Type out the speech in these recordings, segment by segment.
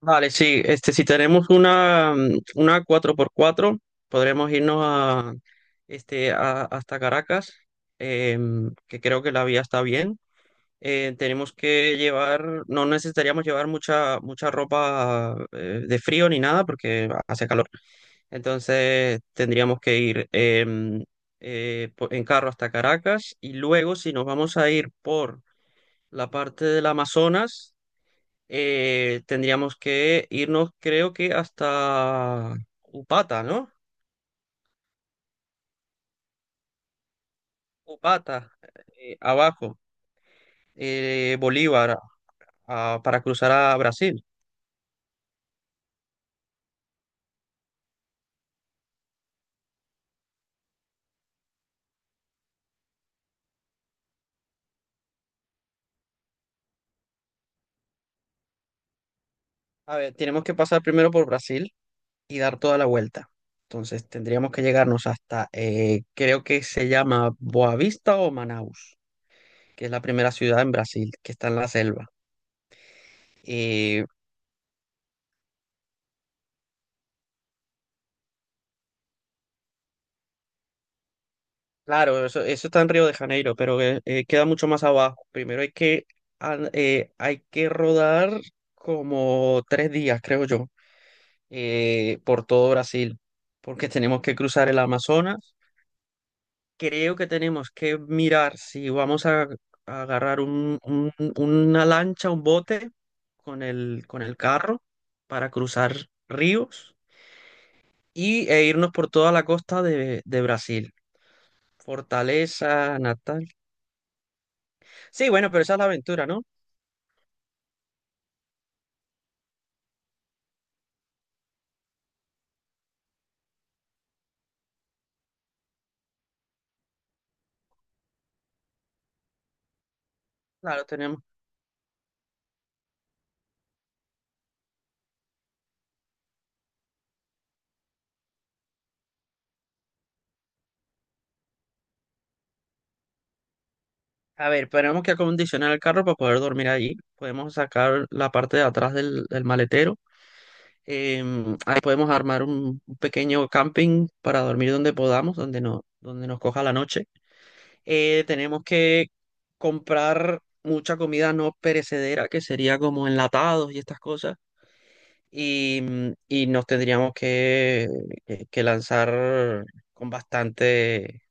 Vale, sí, este, si tenemos una, una cuatro por cuatro podremos irnos a, hasta Caracas, que creo que la vía está bien. No necesitaríamos llevar mucha ropa de frío ni nada porque hace calor. Entonces tendríamos que ir en carro hasta Caracas, y luego si nos vamos a ir por la parte del Amazonas, tendríamos que irnos, creo que hasta Upata, ¿no? Upata, abajo, Bolívar, para cruzar a Brasil. A ver, tenemos que pasar primero por Brasil y dar toda la vuelta. Entonces tendríamos que llegarnos hasta, creo que se llama Boavista o Manaus, que es la primera ciudad en Brasil, que está en la selva. Eh, Claro, eso está en Río de Janeiro, pero queda mucho más abajo. Primero hay que, hay que rodar como tres días, creo yo, por todo Brasil, porque tenemos que cruzar el Amazonas. Creo que tenemos que mirar si vamos a agarrar una lancha, un bote con el carro para cruzar ríos y, e irnos por toda la costa de Brasil. Fortaleza, Natal. Sí, bueno, pero esa es la aventura, ¿no? Claro, tenemos. A ver, tenemos que acondicionar el carro para poder dormir allí. Podemos sacar la parte de atrás del, del maletero. Ahí podemos armar un pequeño camping para dormir donde podamos, donde, no, donde nos coja la noche. Tenemos que comprar mucha comida no perecedera, que sería como enlatados y estas cosas. Y, y nos tendríamos que, que lanzar con bastante,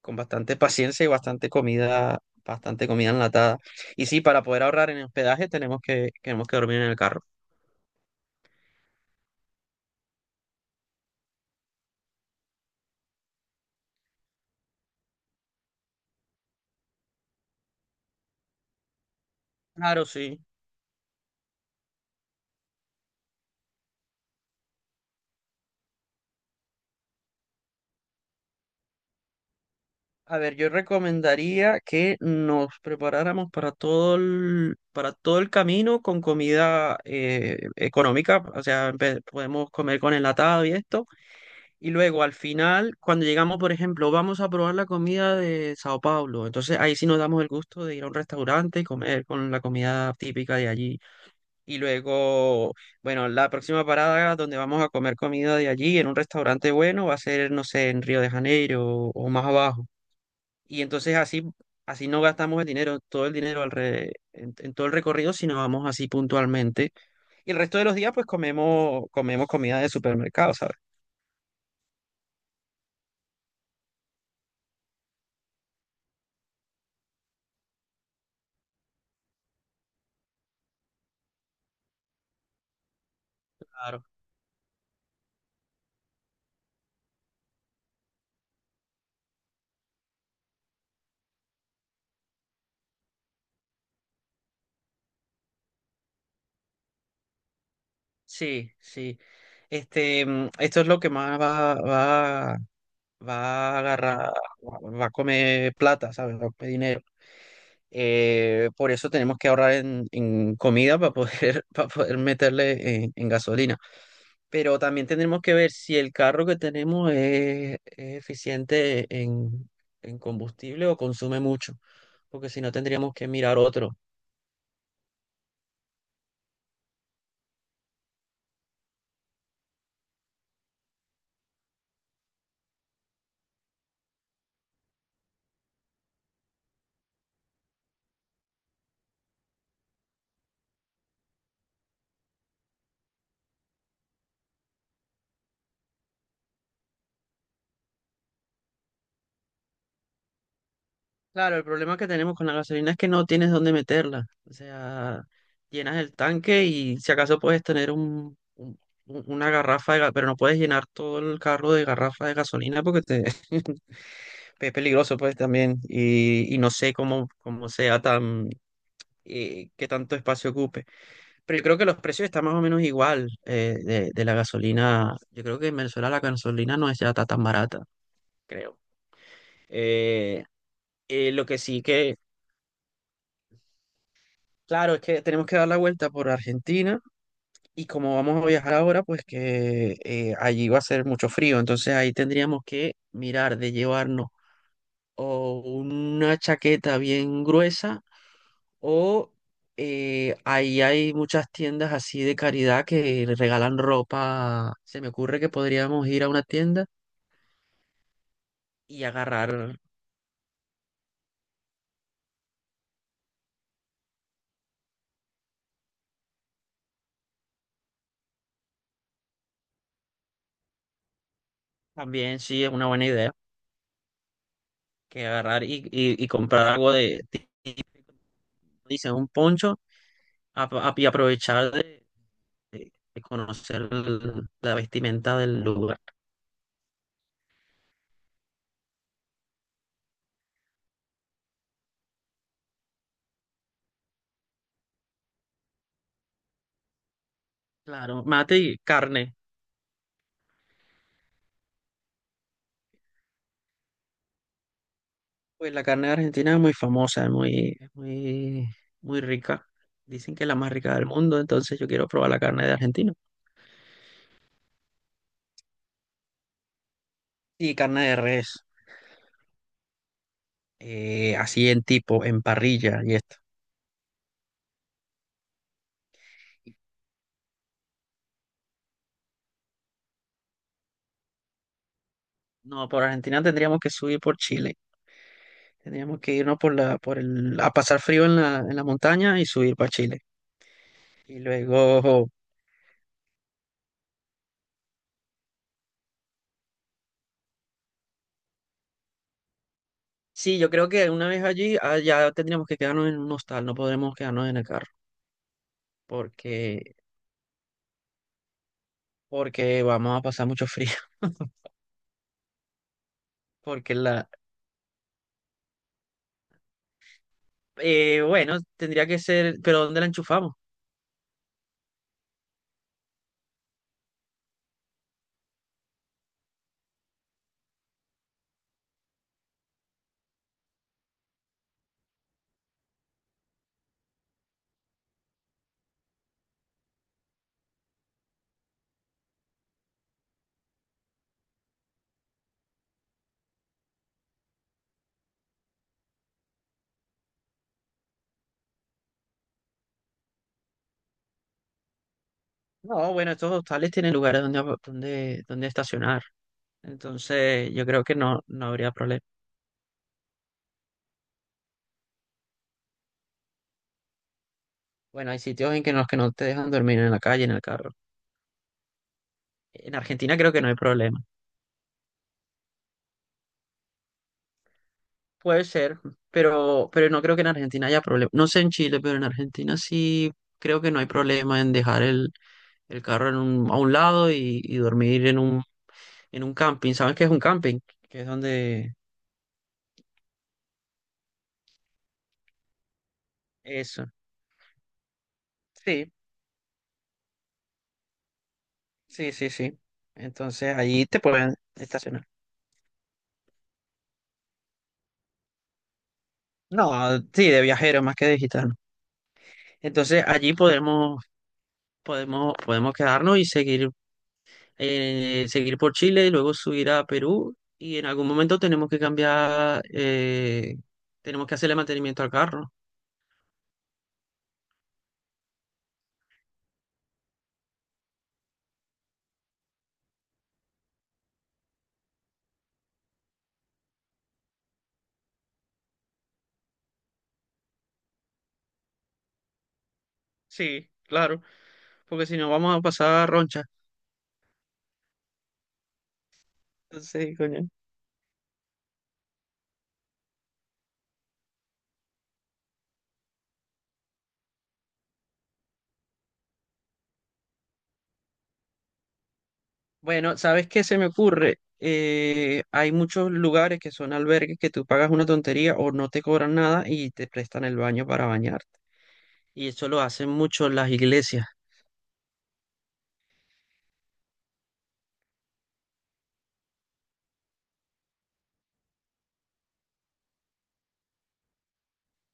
con bastante paciencia y bastante comida enlatada. Y sí, para poder ahorrar en hospedaje tenemos que dormir en el carro. Claro, sí. A ver, yo recomendaría que nos preparáramos para todo el camino con comida económica, o sea, podemos comer con enlatado y esto, y luego al final, cuando llegamos, por ejemplo, vamos a probar la comida de Sao Paulo, entonces ahí sí nos damos el gusto de ir a un restaurante y comer con la comida típica de allí. Y luego, bueno, la próxima parada donde vamos a comer comida de allí, en un restaurante bueno, va a ser, no sé, en Río de Janeiro o más abajo. Y entonces así, así no gastamos el dinero, todo el dinero en todo el recorrido, sino vamos así puntualmente. Y el resto de los días, pues comemos, comemos comida de supermercado, ¿sabes? Claro. Sí, sí. Este, esto es lo que más va, va, va a agarrar, va a comer plata, ¿sabes? Va a comer dinero. Por eso tenemos que ahorrar en comida para poder, para poder meterle en gasolina. Pero también tendremos que ver si el carro que tenemos es eficiente en combustible o consume mucho, porque si no tendríamos que mirar otro. Claro, el problema que tenemos con la gasolina es que no tienes dónde meterla. O sea, llenas el tanque y si acaso puedes tener un, una garrafa de, pero no puedes llenar todo el carro de garrafa de gasolina porque te, es peligroso pues también y no sé cómo, cómo sea tan, qué tanto espacio ocupe. Pero yo creo que los precios están más o menos igual de la gasolina. Yo creo que en Venezuela la gasolina no es ya tan barata, creo. Eh, lo que sí que, claro, es que tenemos que dar la vuelta por Argentina, y como vamos a viajar ahora, pues que allí va a ser mucho frío. Entonces ahí tendríamos que mirar de llevarnos o una chaqueta bien gruesa, o ahí hay muchas tiendas así de caridad que le regalan ropa. Se me ocurre que podríamos ir a una tienda y agarrar también, sí, es una buena idea, que agarrar y, y comprar algo de, típico, dicen, un poncho a- y aprovechar de, de conocer la vestimenta del lugar. Claro, mate y carne. Pues la carne de Argentina es muy famosa, es muy, muy rica. Dicen que es la más rica del mundo, entonces yo quiero probar la carne de Argentina. Y carne de res, así en tipo, en parrilla y esto. No, por Argentina tendríamos que subir por Chile. Tendríamos que irnos por la, por el, a pasar frío en la montaña y subir para Chile. Y luego, sí, yo creo que una vez allí, ah, ya tendríamos que quedarnos en un hostal, no podremos quedarnos en el carro, porque, porque vamos a pasar mucho frío, porque la, bueno, tendría que ser, pero ¿dónde la enchufamos? No, bueno, estos hostales tienen lugares donde, donde, donde estacionar. Entonces, yo creo que no, no habría problema. Bueno, hay sitios en que los que no te dejan dormir en la calle, en el carro. En Argentina creo que no hay problema. Puede ser, pero no creo que en Argentina haya problema. No sé en Chile, pero en Argentina sí creo que no hay problema en dejar el carro en un, a un lado y dormir en un camping. ¿Sabes qué es un camping? Que es donde... Eso. Sí, sí, sí, sí. Entonces allí te pueden estacionar. No, sí, de viajero más que de gitano. Entonces allí podemos, podemos, podemos quedarnos y seguir, seguir por Chile y luego subir a Perú. Y en algún momento tenemos que cambiar, tenemos que hacerle mantenimiento al carro. Sí, claro, porque si no vamos a pasar roncha. Entonces, coño. Bueno, ¿sabes qué se me ocurre? Hay muchos lugares que son albergues que tú pagas una tontería o no te cobran nada y te prestan el baño para bañarte. Y eso lo hacen mucho las iglesias.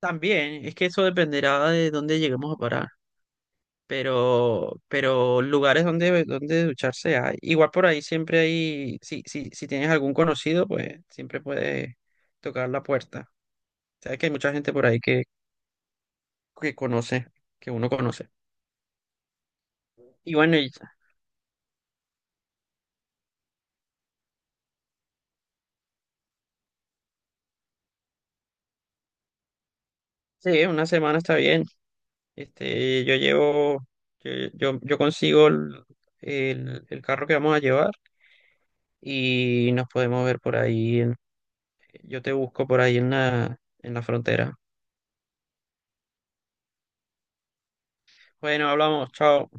También, es que eso dependerá de dónde lleguemos a parar. Pero lugares donde, donde ducharse hay. Igual por ahí siempre hay, si, si, si tienes algún conocido, pues siempre puedes tocar la puerta. Sabes que hay mucha gente por ahí que conoce, que uno conoce. Y bueno, sí, una semana está bien. Este, yo llevo, yo consigo el, el carro que vamos a llevar y nos podemos ver por ahí. Yo te busco por ahí en la frontera. Bueno, hablamos, chao.